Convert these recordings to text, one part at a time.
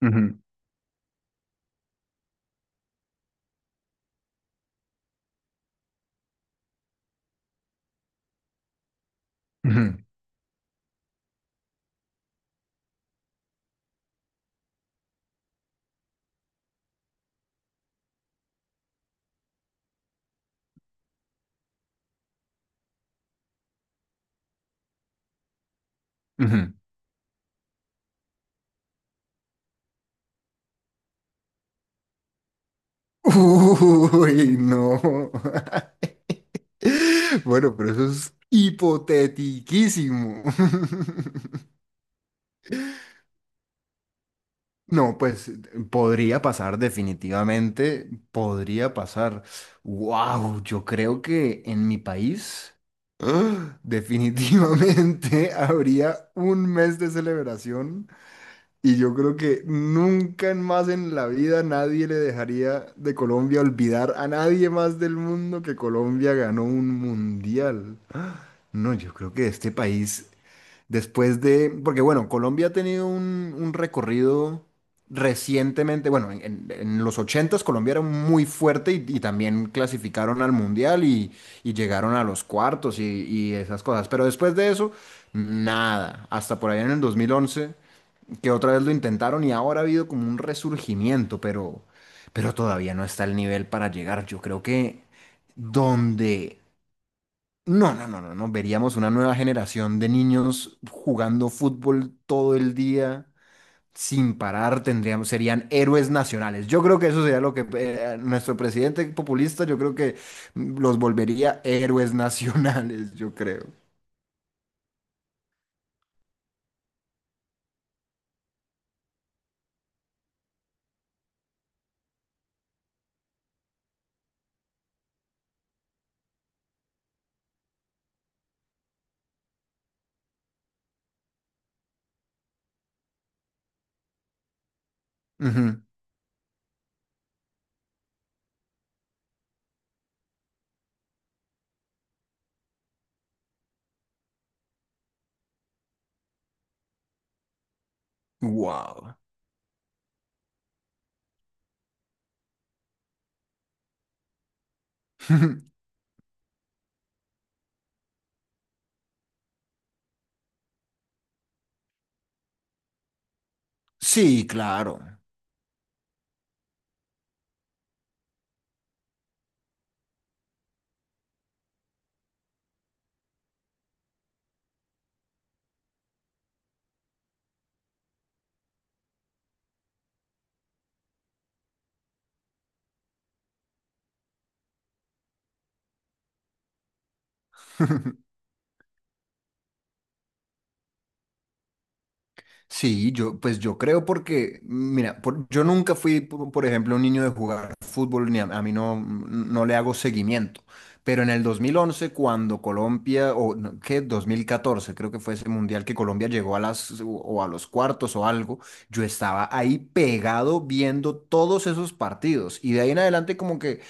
Ujú, ujú, ujú. Uy, no. Bueno, pero eso es hipotetiquísimo. No, pues podría pasar definitivamente, podría pasar. Wow, yo creo que en mi país, ¡ah!, definitivamente habría un mes de celebración. Y yo creo que nunca más en la vida nadie le dejaría de Colombia olvidar a nadie más del mundo que Colombia ganó un mundial. No, yo creo que este país, después de, porque bueno, Colombia ha tenido un recorrido recientemente. Bueno, en los ochentas Colombia era muy fuerte y también clasificaron al mundial y llegaron a los cuartos y esas cosas, pero después de eso, nada, hasta por ahí en el 2011, que otra vez lo intentaron, y ahora ha habido como un resurgimiento, pero todavía no está el nivel para llegar. Yo creo que donde... No, no, no, no, no. Veríamos una nueva generación de niños jugando fútbol todo el día sin parar. Serían héroes nacionales. Yo creo que eso sería lo que nuestro presidente populista, yo creo que los volvería héroes nacionales, yo creo. Ujú. Wow. Sí, claro. Sí, yo, pues yo creo porque, mira, yo nunca fui, por ejemplo, un niño de jugar fútbol, ni a mí no le hago seguimiento. Pero en el 2011 cuando Colombia, o no, qué, 2014 creo que fue ese mundial que Colombia llegó a las, o a los cuartos o algo, yo estaba ahí pegado viendo todos esos partidos. Y de ahí en adelante como que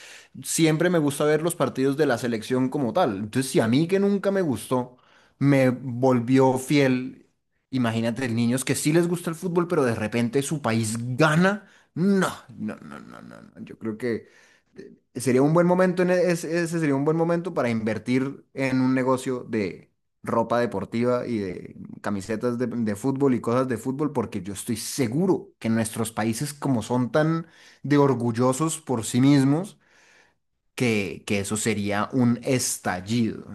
siempre me gusta ver los partidos de la selección como tal. Entonces, si a mí que nunca me gustó, me volvió fiel. Imagínate, niños que sí les gusta el fútbol, pero de repente su país gana. No, no, no, no, no. No. Yo creo que sería un buen momento. Ese sería un buen momento para invertir en un negocio de ropa deportiva y de camisetas de fútbol y cosas de fútbol, porque yo estoy seguro que nuestros países, como son tan de orgullosos por sí mismos, que eso sería un estallido.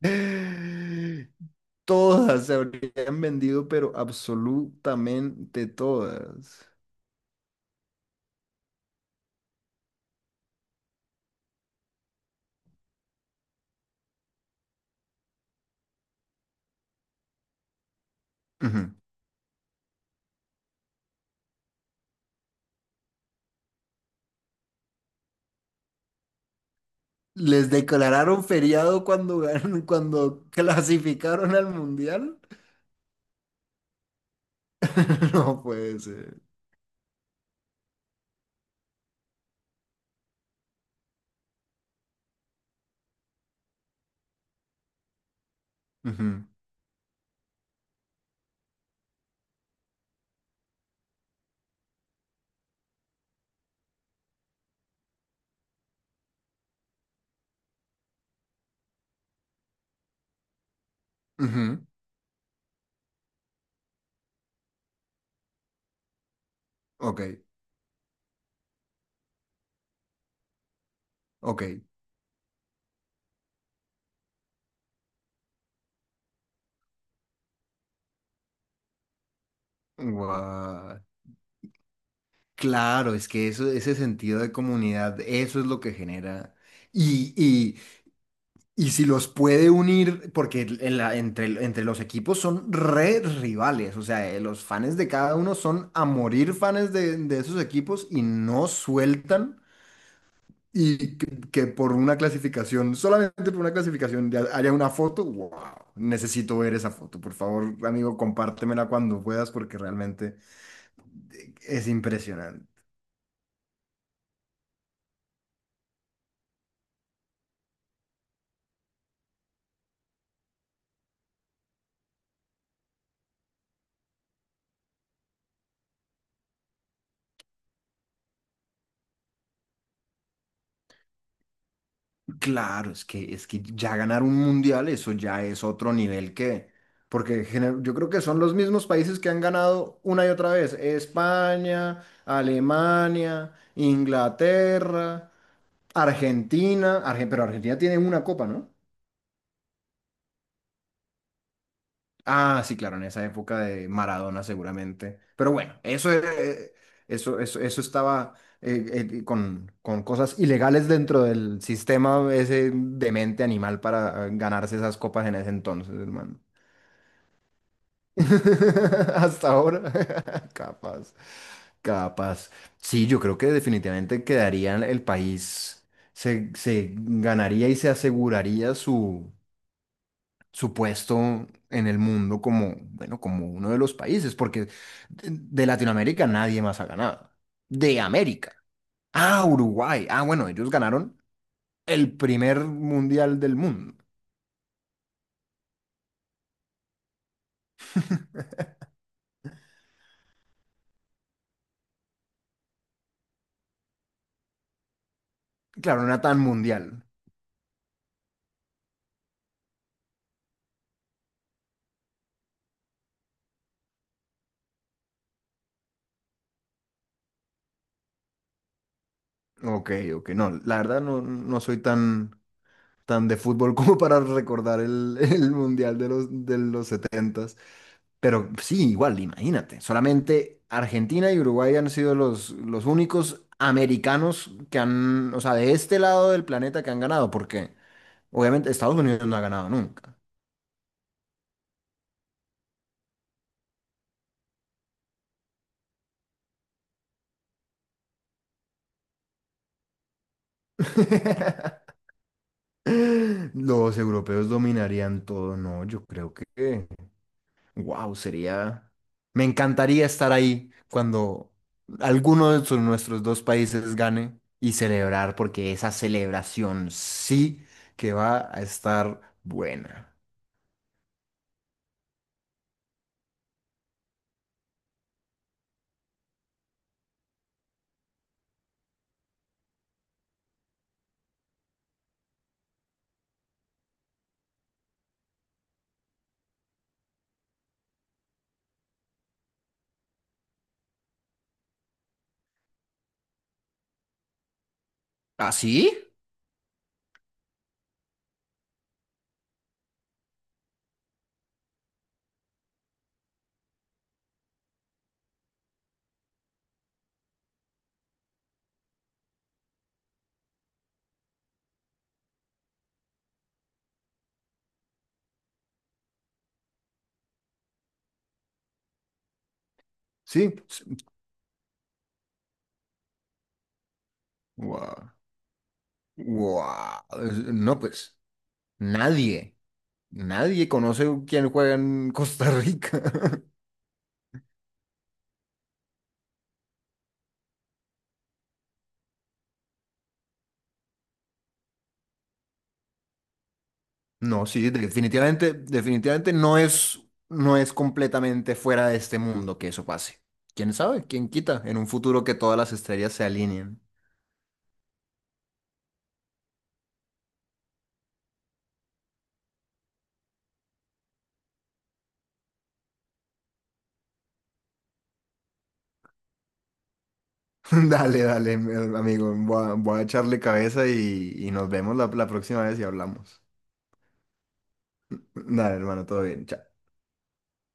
Todas se habrían vendido, pero absolutamente todas. Ujú. Les declararon feriado cuando cuando clasificaron al mundial. No puede ser. Ujú, ujú. Ok, ok. Guau. Claro, es que eso, ese sentido de comunidad, eso es lo que genera. Y, y si los puede unir, porque entre los equipos son re rivales. O sea, los fans de cada uno son a morir fans de esos equipos, y no sueltan. Y que por una clasificación, solamente por una clasificación, ya haya una foto. Wow, necesito ver esa foto. Por favor, amigo, compártemela cuando puedas, porque realmente es impresionante. Claro, es que ya ganar un mundial, eso ya es otro nivel, que, porque yo creo que son los mismos países que han ganado una y otra vez: España, Alemania, Inglaterra, Argentina, pero Argentina tiene una copa, ¿no? Ah, sí, claro, en esa época de Maradona seguramente. Pero bueno, eso, eso estaba, con cosas ilegales dentro del sistema ese demente animal, para ganarse esas copas en ese entonces, hermano. Hasta ahora. Capaz, capaz. Sí, yo creo que definitivamente quedaría el país, se ganaría y se aseguraría su puesto en el mundo como, bueno, como uno de los países, porque de Latinoamérica nadie más ha ganado. De América. Ah, Uruguay. Ah, bueno, ellos ganaron el primer mundial del mundo. Claro, no era tan mundial. Ok, ok, no, la verdad no, no soy tan, tan de fútbol como para recordar el mundial de los 70. Pero sí, igual, imagínate. Solamente Argentina y Uruguay han sido los únicos americanos que han, o sea, de este lado del planeta, que han ganado, porque obviamente Estados Unidos no ha ganado nunca. Los europeos dominarían todo. No, yo creo que, wow, sería, me encantaría estar ahí cuando alguno de nuestros dos países gane y celebrar, porque esa celebración sí que va a estar buena. ¿Ah, sí? Sí. Guau, guau. No, pues nadie, nadie conoce quién juega en Costa Rica. No, sí, definitivamente no es completamente fuera de este mundo que eso pase. ¿Quién sabe? ¿Quién quita? En un futuro que todas las estrellas se alineen. Dale, dale, amigo. Voy a echarle cabeza, y nos vemos la próxima vez, y hablamos. Dale, hermano, todo bien. Chao.